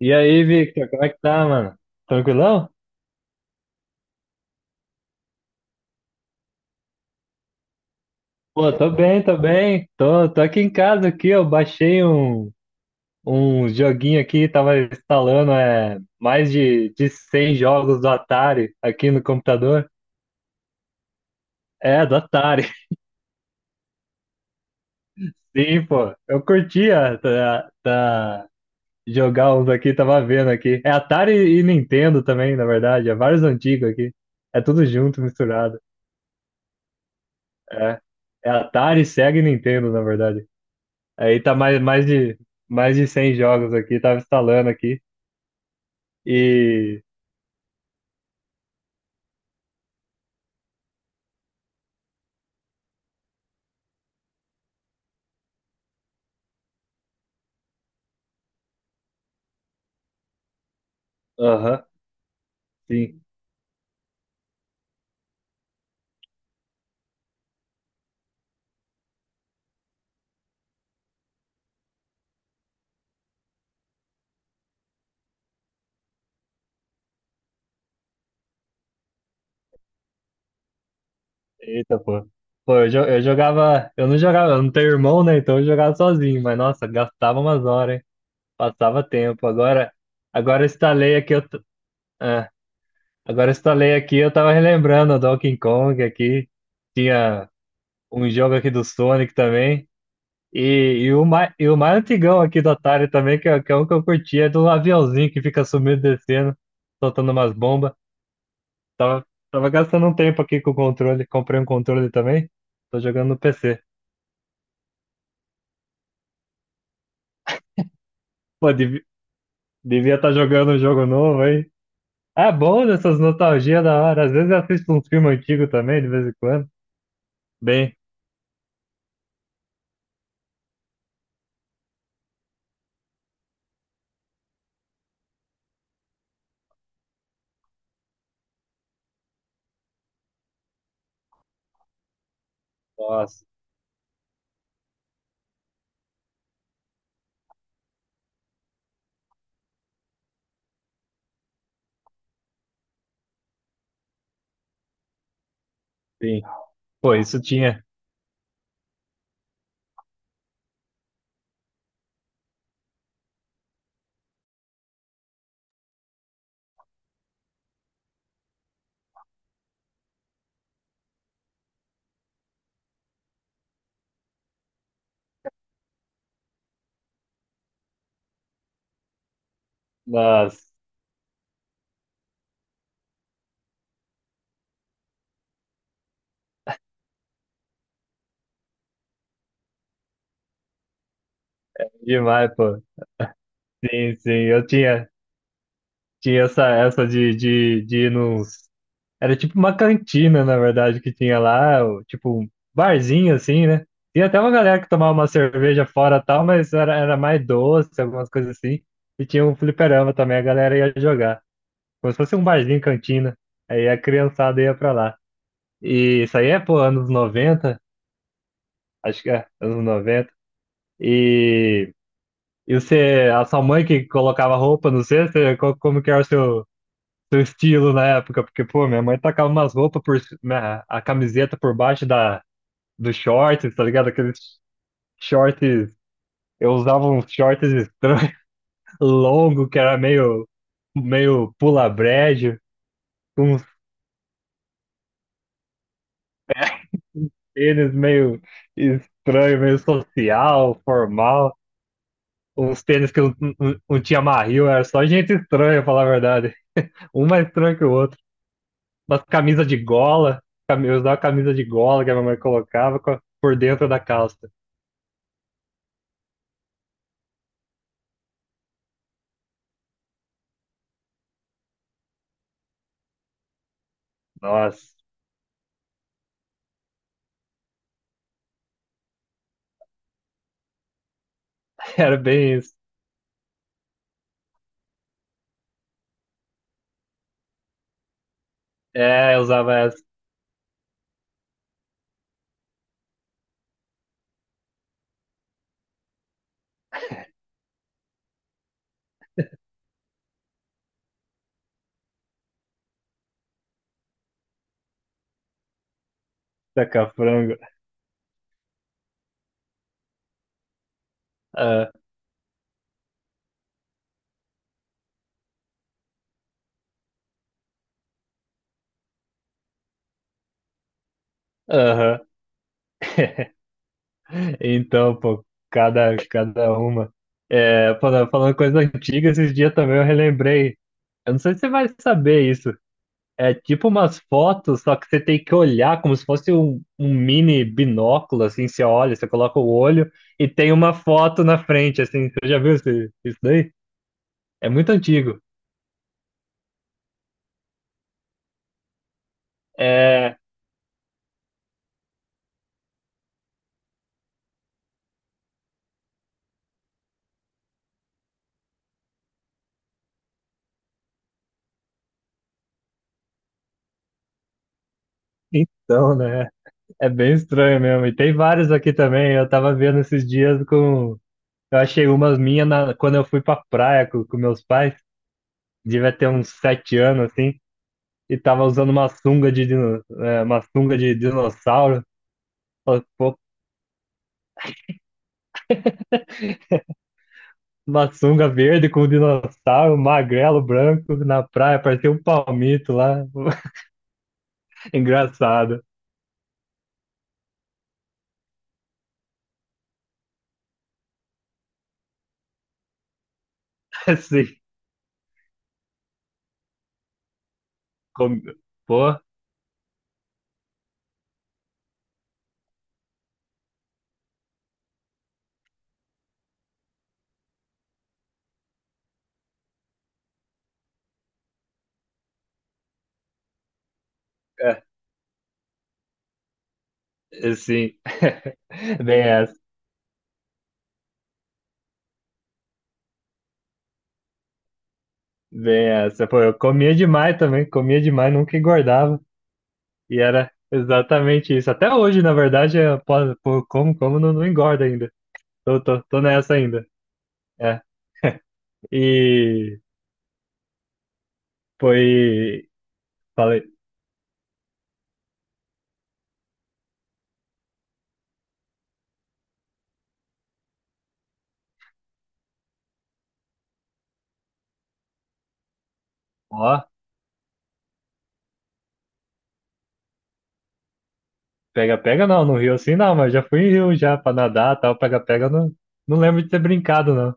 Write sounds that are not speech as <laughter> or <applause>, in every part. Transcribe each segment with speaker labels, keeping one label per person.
Speaker 1: E aí, Victor, como é que tá, mano? Tranquilão? Pô, tô bem, tô bem. Tô aqui em casa aqui, eu baixei um joguinho aqui, tava instalando mais de 100 jogos do Atari aqui no computador. É, do Atari. <laughs> Sim, pô. Eu curtia jogar uns aqui, tava vendo aqui. É Atari e Nintendo também, na verdade. É vários antigos aqui. É tudo junto, misturado. É. É Atari, Sega e Nintendo, na verdade. Aí tá mais de 100 jogos aqui, tava instalando aqui. E. Aham, sim. Eita, pô. Pô, eu jogava. Eu não jogava, eu não tenho irmão, né? Então eu jogava sozinho, mas nossa, gastava umas horas, hein? Passava tempo. Agora, agora eu instalei aqui. Ah, agora eu instalei aqui, eu tava relembrando o Donkey Kong aqui. Tinha um jogo aqui do Sonic também. E o mais antigão aqui do Atari também, que é um que eu curti, é do aviãozinho que fica sumindo e descendo, soltando umas bombas. Tava, tava gastando um tempo aqui com o controle, comprei um controle também, tô jogando no PC. Pô, devia estar jogando um jogo novo aí. É bom essas nostalgias da hora, às vezes eu assisto uns filmes antigos também, de vez em quando. Bem, nossa, sim. Pô, isso tinha, nossa, demais, pô. Sim, sim, tinha essa, essa de ir nos. Era tipo uma cantina, na verdade, que tinha lá, tipo um barzinho assim, né? Tinha até uma galera que tomava uma cerveja fora e tal, mas era, era mais doce, algumas coisas assim. E tinha um fliperama também, a galera ia jogar. Como se fosse um barzinho, cantina. Aí a criançada ia pra lá. E isso aí é, pô, anos noventa, acho que é, anos noventa. E, e você, a sua mãe que colocava roupa, não sei, você, como que era o seu, seu estilo na época, porque, pô, minha mãe tacava umas roupas por, a camiseta por baixo dos shorts, tá ligado? Aqueles shorts, eu usava uns shorts estranhos, <laughs> longo, meio pula-brejo, com uns tênis meio estranho, meio social, formal. Uns tênis que não, não, não tinha marril, era só gente estranha, pra falar a verdade. Um mais estranho que o outro. Umas camisas de gola, eu usava camisa de gola que a minha mãe colocava por dentro da calça. Nossa, <laughs> era bem isso. É, eu usava essa saca-frango. Ah, aham. <laughs> Então, pô, cada uma. É, falando coisa antiga, esses dias também eu relembrei. Eu não sei se você vai saber isso. É tipo umas fotos, só que você tem que olhar como se fosse um mini binóculo, assim, você olha, você coloca o olho e tem uma foto na frente, assim. Você já viu isso daí? É muito antigo. É, então, né? É bem estranho mesmo. E tem vários aqui também. Eu tava vendo esses dias com. Eu achei umas minhas na quando eu fui pra praia com meus pais. Devia ter uns sete anos, assim. E tava usando uma sunga uma sunga de dinossauro. Falei, pô, uma sunga verde com dinossauro, magrelo, branco, na praia. Parecia um palmito lá. <laughs> Engraçado. Assim. com- Pô, é, assim. <laughs> Bem essa. Bem essa. Pô, eu comia demais também, comia demais, nunca engordava. E era exatamente isso. Até hoje, na verdade, eu pô, como não engorda ainda. Tô nessa ainda. É. E foi. Falei, ó, pega-pega não, no Rio assim não, mas já fui em Rio já pra nadar tal, pega-pega eu não, não lembro de ter brincado não.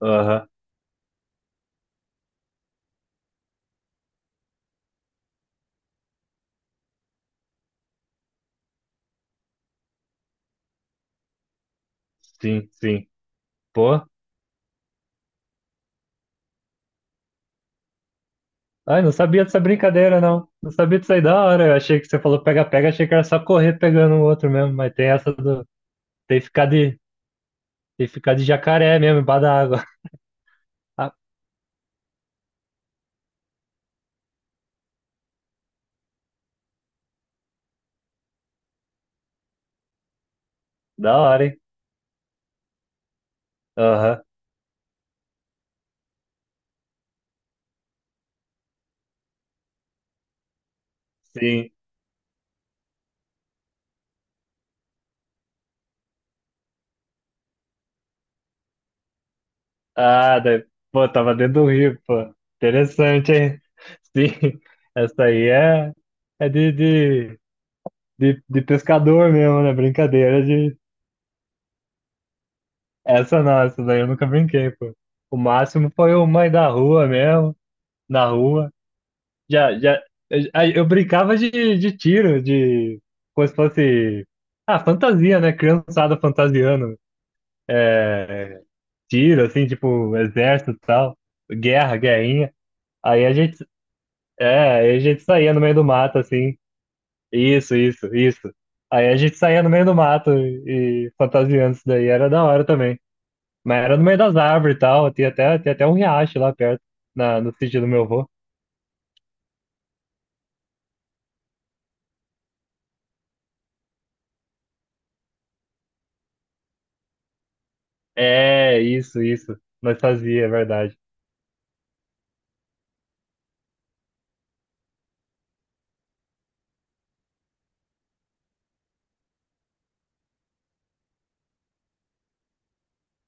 Speaker 1: Aham, sim, sim. Pô, ai, não sabia dessa brincadeira não. Não sabia disso aí da hora. Eu achei que você falou pega-pega, achei que era só correr pegando o outro mesmo, mas tem essa do. Tem que ficar de, tem que ficar de jacaré mesmo, embaixo da água. <laughs> Ah, da hora, hein? Aham, sim. Ah, daí, pô, tava dentro do rio, pô. Interessante, hein? <laughs> Sim, essa aí é, é de, de, de pescador mesmo, né? Brincadeira de. Essa não, essa daí eu nunca brinquei, pô. O máximo foi o mãe da rua mesmo, na rua. Já, já, eu, eu brincava de tiro, de. Como se fosse. Ah, fantasia, né? Criançada fantasiando. É, tiro, assim, tipo, exército e tal, guerra, guerrinha. Aí a gente, aí a gente saía no meio do mato, assim, isso. Aí a gente saía no meio do mato e fantasiando isso daí, era da hora também. Mas era no meio das árvores e tal, tinha até um riacho lá perto, no sítio do meu avô. É, isso, nós fazia, é verdade.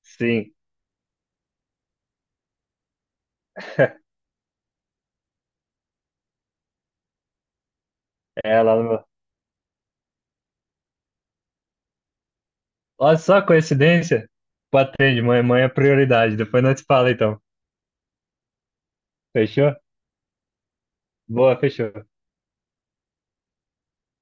Speaker 1: Sim, <laughs> é lá no meu. Olha só a coincidência, patente, mãe, mãe é prioridade, depois nós te fala então, fechou? Boa, fechou.